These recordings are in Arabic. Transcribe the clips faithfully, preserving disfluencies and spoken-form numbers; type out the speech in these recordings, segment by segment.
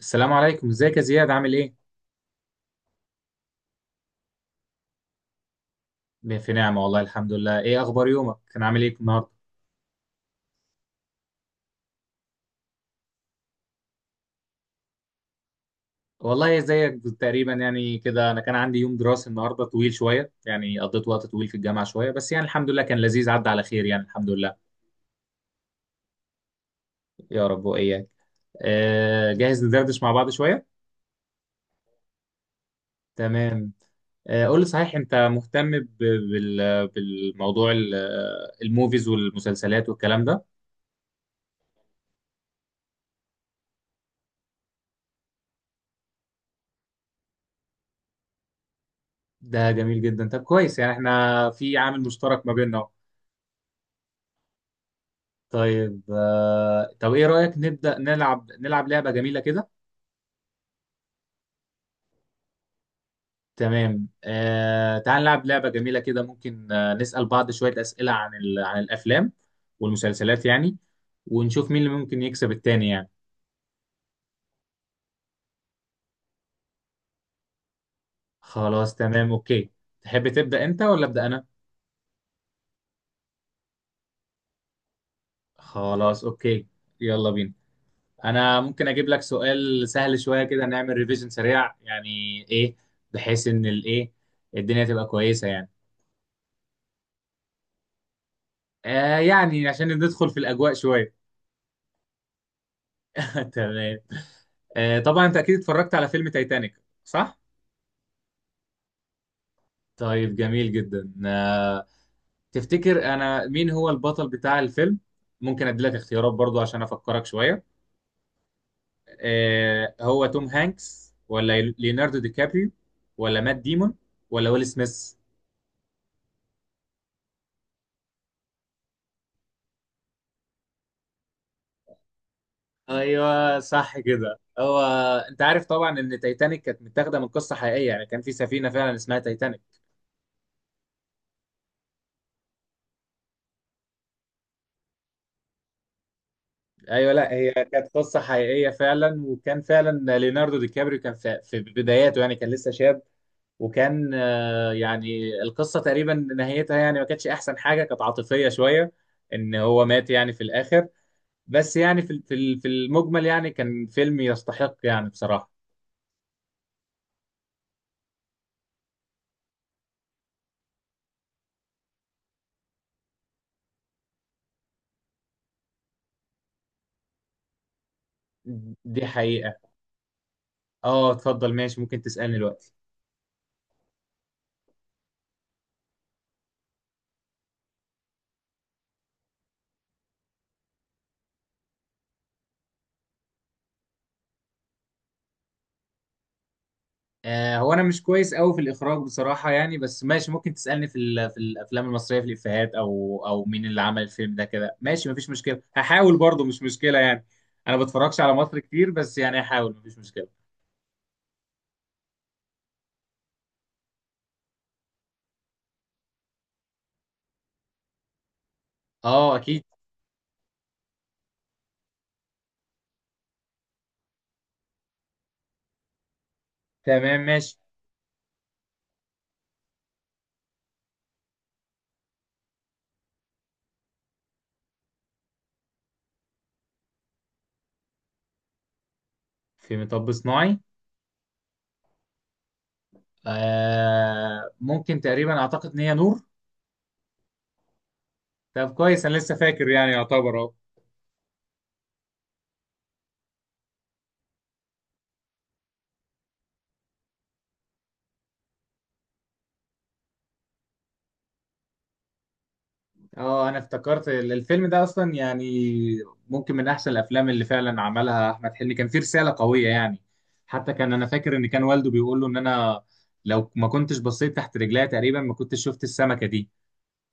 السلام عليكم، ازيك يا زياد؟ عامل ايه؟ ب- في نعمة والله الحمد لله. ايه اخبار يومك؟ كان عامل ايه النهارده؟ والله زيك تقريبا، يعني كده انا كان عندي يوم دراسي النهارده طويل شوية، يعني قضيت وقت طويل في الجامعة شوية، بس يعني الحمد لله كان لذيذ، عدى على خير يعني الحمد لله. يا رب واياك. آه جاهز ندردش مع بعض شوية. تمام. آه قول لي صحيح، انت مهتم ب- بال بالموضوع ال- الموفيز والمسلسلات والكلام ده؟ ده جميل جدا. طب كويس، يعني احنا في عامل مشترك ما بيننا. طيب آه... طب ايه رأيك نبدأ نلعب نلعب لعبة جميلة كده؟ تمام. آه... تعال نلعب لعبة جميلة كده، ممكن آه... نسأل بعض شوية أسئلة عن ال... عن الأفلام والمسلسلات يعني، ونشوف مين اللي ممكن يكسب التاني يعني. خلاص تمام، أوكي. تحب تبدأ أنت ولا أبدأ أنا؟ خلاص أوكي. يلا بينا. أنا ممكن أجيب لك سؤال سهل شوية كده، نعمل ريفيجن سريع يعني، إيه بحيث إن الإيه الدنيا تبقى كويسة يعني. آه يعني عشان ندخل في الأجواء شوية. تمام. آه، طبعا انت اكيد اتفرجت على فيلم تايتانيك، صح؟ طيب جميل جدا. آه، تفتكر انا مين هو البطل بتاع الفيلم؟ ممكن ادي لك اختيارات برضو عشان افكرك شوية. آه، هو توم هانكس ولا ليوناردو دي كابريو ولا مات ديمون ولا ويل سميث؟ ايوه صح كده هو. انت عارف طبعا ان تايتانيك كانت متاخده من قصه حقيقيه، يعني كان في سفينه فعلا اسمها تايتانيك. ايوه، لا هي كانت قصه حقيقيه فعلا، وكان فعلا ليوناردو دي كابريو كان في في بداياته، يعني كان لسه شاب. وكان آه، يعني القصه تقريبا نهايتها يعني ما كانتش احسن حاجه، كانت عاطفيه شويه ان هو مات يعني في الاخر. بس يعني في ال- في ال- في المجمل يعني كان فيلم يستحق يعني بصراحه. دي حقيقه. اه اتفضل ماشي، ممكن تسالني دلوقتي. آه، هو انا مش كويس قوي في الاخراج بصراحه يعني، بس ماشي ممكن تسالني في ال- في الافلام المصريه، في الافيهات، او او مين اللي عمل الفيلم ده كده، ماشي مفيش مشكله، هحاول برضه مش مشكله يعني. انا ما بتفرجش على مصر كتير بس يعني هحاول مفيش مشكله. اه اكيد. تمام ماشي. في مطب صناعي. آه، ممكن تقريبا اعتقد ان هي نور. طب كويس، انا لسه فاكر يعني يعتبر اهو. اه، انا افتكرت ال- الفيلم ده اصلا يعني ممكن من احسن الافلام اللي فعلا عملها احمد حلمي، كان فيه رساله قويه يعني. حتى كان انا فاكر ان كان والده بيقول له ان انا لو ما كنتش بصيت تحت رجليا تقريبا ما كنتش شفت السمكه دي،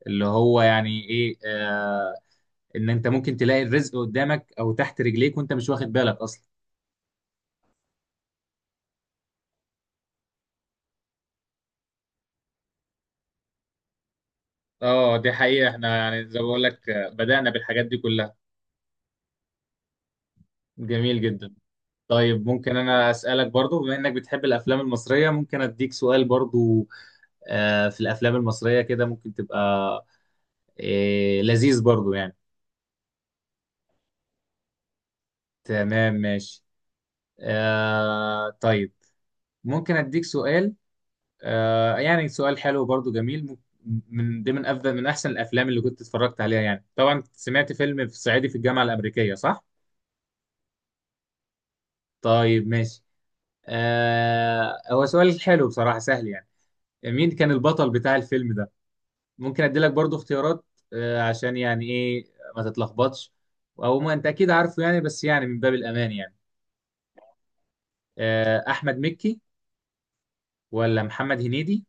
اللي هو يعني ايه آه ان انت ممكن تلاقي الرزق قدامك او تحت رجليك وانت مش واخد بالك اصلا. اه دي حقيقه، احنا يعني زي ما بقول لك آه، بدانا بالحاجات دي كلها. جميل جدا. طيب ممكن انا اسالك برضو، بما انك بتحب الافلام المصريه ممكن اديك سؤال برضو آه، في الافلام المصريه كده ممكن تبقى آه، لذيذ برضو يعني. تمام ماشي. آه، طيب ممكن اديك سؤال. آه، يعني سؤال حلو برضو جميل. مم- من ضمن افضل من احسن الافلام اللي كنت اتفرجت عليها، يعني طبعا سمعت فيلم في صعيدي في الجامعه الامريكيه، صح؟ طيب ماشي. آه، هو سؤال حلو بصراحه، سهل يعني. مين كان البطل بتاع الفيلم ده؟ ممكن اديلك برضو اختيارات. آه، عشان يعني ايه ما تتلخبطش، او ما انت اكيد عارفه يعني، بس يعني من باب الامان يعني. آه، احمد مكي، ولا محمد هنيدي،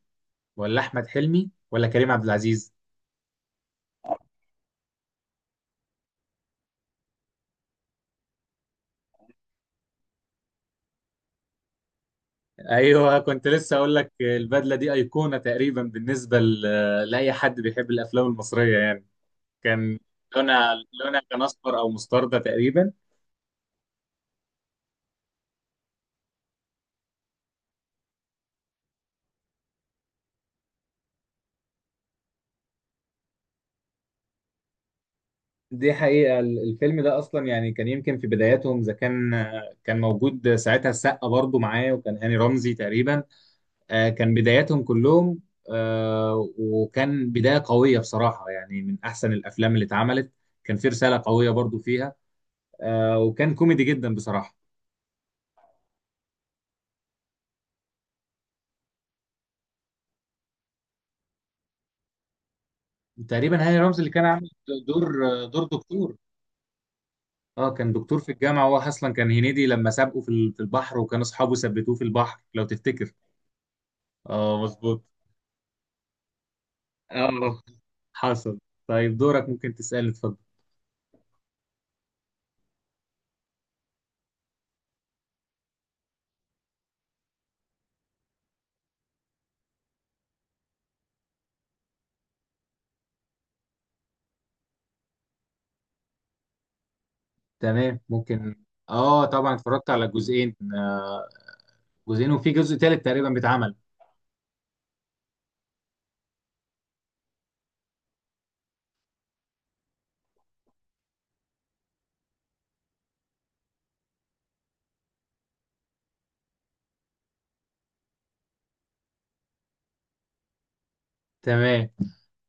ولا احمد حلمي، ولا كريم عبد العزيز؟ ايوه كنت لسه اقول لك آه، البدله دي ايقونه تقريبا بالنسبه ل- لاي حد بيحب الافلام المصريه يعني. كان لونها لونها كان اصفر او مستردة تقريبا. دي حقيقة. ال- الفيلم ده أصلا يعني كان يمكن في بداياتهم، إذا كان كان موجود ساعتها السقا برضو معاه، وكان هاني رمزي تقريبا. آه، كان بداياتهم كلهم. آه، وكان بداية قوية بصراحة، يعني من أحسن الأفلام اللي اتعملت، كان في رسالة قوية برضو فيها. آه، وكان كوميدي جدا بصراحة. تقريبا هاني رمزي اللي كان عامل دور دور دكتور. اه، كان دكتور في الجامعة. هو أصلا كان هنيدي لما سابقه في ال- في البحر، وكان أصحابه ثبتوه في البحر لو تفتكر. اه مظبوط. اه حصل. طيب دورك، ممكن تسألني، اتفضل. تمام ممكن. اه طبعا اتفرجت على جزئين جزئين وفي جزء تالت تقريبا بيتعمل. تمام.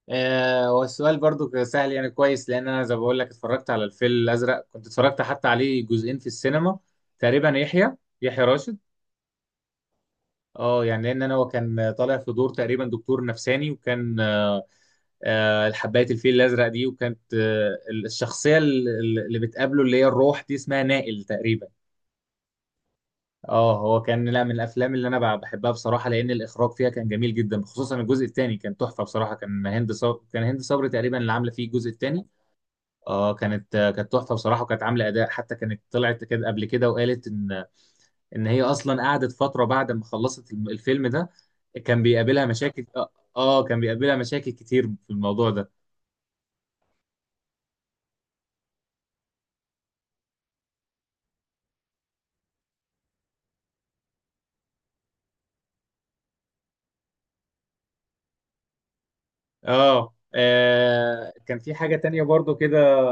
آه والسؤال برضو كان سهل يعني كويس، لان انا زي ما بقول لك اتفرجت على الفيل الازرق، كنت اتفرجت حتى عليه جزئين في السينما. تقريبا يحيى يحيى راشد. اه يعني لان انا هو كان طالع في دور تقريبا دكتور نفساني، وكان آه حبايه الفيل الازرق دي، وكانت آه الشخصيه اللي اللي بتقابله اللي هي الروح دي اسمها نائل تقريبا. اه هو كان لا، من الافلام اللي انا ب- بحبها بصراحه، لان الاخراج فيها كان جميل جدا، خصوصا الجزء الثاني كان تحفه بصراحه. كان هند صبري كان هند صبري تقريبا اللي عامله فيه الجزء الثاني. اه كانت آه، كانت تحفه بصراحه، وكانت عامله اداء، حتى كانت طلعت كده قبل كده وقالت ان ان هي اصلا قعدت فتره بعد ما خلصت الم- الفيلم ده، كان بيقابلها مشاكل. اه آه، كان بيقابلها مشاكل كتير في الموضوع ده. اه آه، كان في حاجه تانية برضو كده،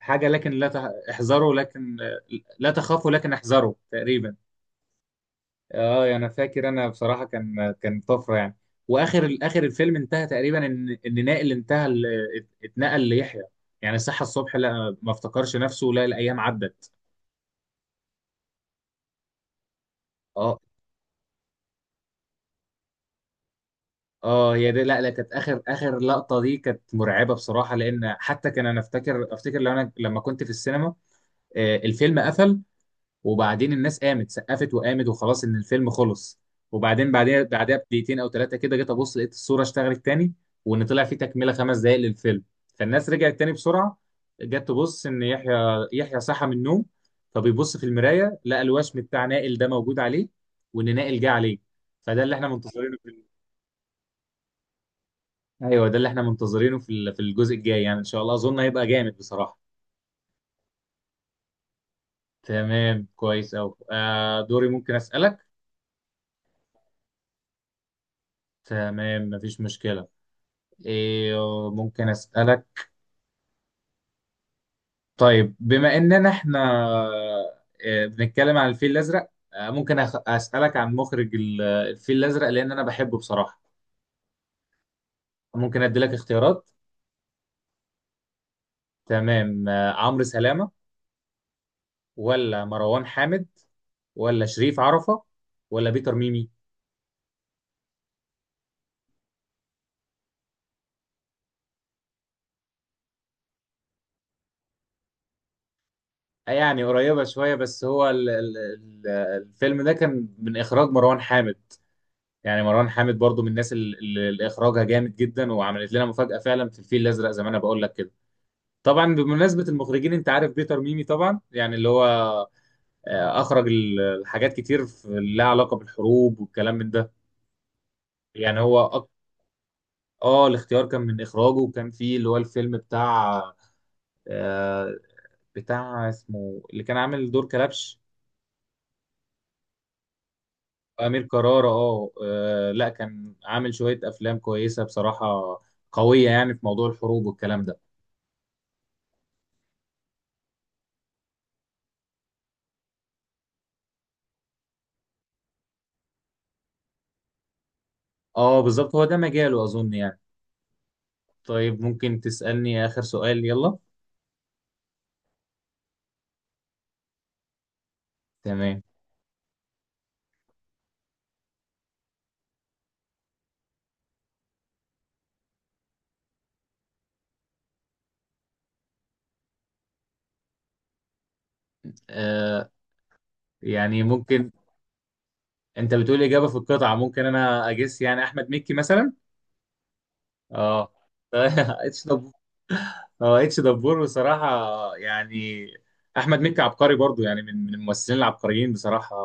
حاجه لكن لا تح- احذروا، لكن آه، لا تخافوا لكن احذروا تقريبا. اه يعني انا فاكر. انا بصراحه كان كان طفره يعني. واخر اخر الفيلم انتهى تقريبا ان ان نائل انتهى ال- اتنقل ليحيى، يعني صحى الصبح لا، ما افتكرش نفسه، لا، الايام عدت. اه، اه، هي دي. لا، لا، كانت اخر اخر لقطه دي كانت مرعبه بصراحه، لان حتى كان انا افتكر افتكر لو انا لما كنت في السينما آه، الفيلم قفل، وبعدين الناس قامت سقفت وقامت، وخلاص ان الفيلم خلص. وبعدين بعدها بعدها بدقيقتين او ثلاثه كده، جيت ابص لقيت الصوره اشتغلت تاني، وان طلع في تكمله خمس دقائق للفيلم. فالناس رجعت تاني بسرعه، جت تبص ان يحيى يحيى صحى من النوم، فبيبص في المرايه لقى الوشم بتاع نائل ده موجود عليه، وان نائل جه عليه. فده اللي احنا منتظرينه في ال- ايوه ده اللي احنا منتظرينه في ال- في الجزء الجاي يعني، ان شاء الله اظن هيبقى جامد بصراحه. تمام كويس أوي. آه دوري ممكن اسالك. تمام مفيش مشكله. إيه ممكن أسألك؟ طيب بما إننا إحنا آه، بنتكلم عن الفيل الأزرق، آه، ممكن أخ- أسألك عن مخرج ال- الفيل الأزرق، لأن أنا بحبه بصراحة. ممكن أدي لك اختيارات. تمام. آه، عمرو سلامة، ولا مروان حامد، ولا شريف عرفة، ولا بيتر ميمي؟ آه، يعني قريبة شوية، بس هو ال- ال- ال- الفيلم ده كان من إخراج مروان حامد. يعني مروان حامد برضو من الناس اللي اللي إخراجها جامد جدا، وعملت لنا مفاجأة فعلا في الفيل الأزرق زي ما أنا بقول لك كده. طبعا بمناسبة المخرجين، انت عارف بيتر ميمي طبعا يعني، اللي هو آه، اخرج ال- الحاجات كتير في- لها علاقة بالحروب والكلام من ده. يعني هو أك... اه الاختيار كان من اخراجه، وكان فيه اللي هو الفيلم بتاع آه، بتاع اسمه، اللي كان عامل دور كلبش، امير كرارة. اه آه، لا، كان عامل شوية افلام كويسة بصراحة، قوية يعني في موضوع الحروب والكلام ده. اه بالظبط، هو ده مجاله اظن يعني. طيب ممكن تسألني اخر سؤال، يلا. تمام يعني ممكن، انت بتقول اجابه في القطعه ممكن انا اجس يعني، احمد مكي مثلا. اه اتش دبور. اه اتش دبور بصراحه. يعني احمد مكي عبقري برضو يعني، من من الممثلين العبقريين بصراحه،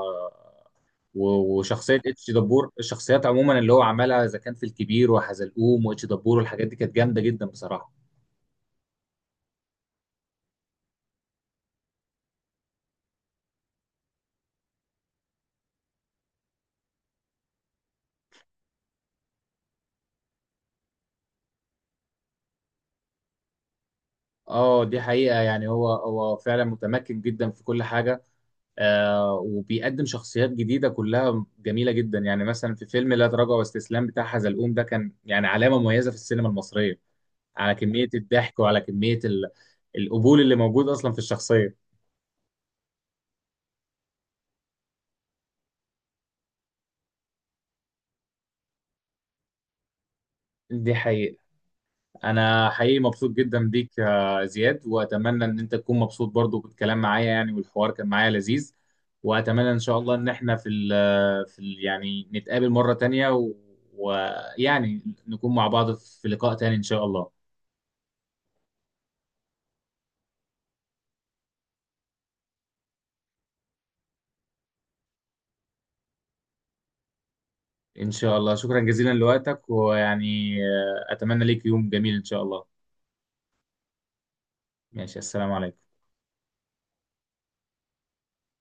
و- وشخصيه اتش دبور، الشخصيات عموما اللي هو عملها اذا كان في الكبير وحزلقوم واتش دبور والحاجات دي كانت جامده جدا بصراحه. اه دي حقيقه، يعني هو هو فعلا متمكن جدا في كل حاجه. آه وبيقدم شخصيات جديدة كلها جميلة جدا، يعني مثلا في فيلم لا تراجع واستسلام بتاع حزلقوم ده، كان يعني علامة مميزة في السينما المصرية على كمية الضحك وعلى كمية ال- القبول اللي موجود أصلا في الشخصية. دي حقيقة. أنا حقيقي مبسوط جدا بيك يا زياد، وأتمنى إن أنت تكون مبسوط برضو بالكلام معايا يعني، والحوار كان معايا لذيذ. وأتمنى إن شاء الله إن إحنا في ال في ال يعني نتقابل مرة تانية و- ويعني نكون مع بعض في لقاء تاني إن شاء الله. إن شاء الله شكرا جزيلا لوقتك، ويعني آه، أتمنى ليك يوم جميل إن شاء الله. ماشي، السلام عليكم.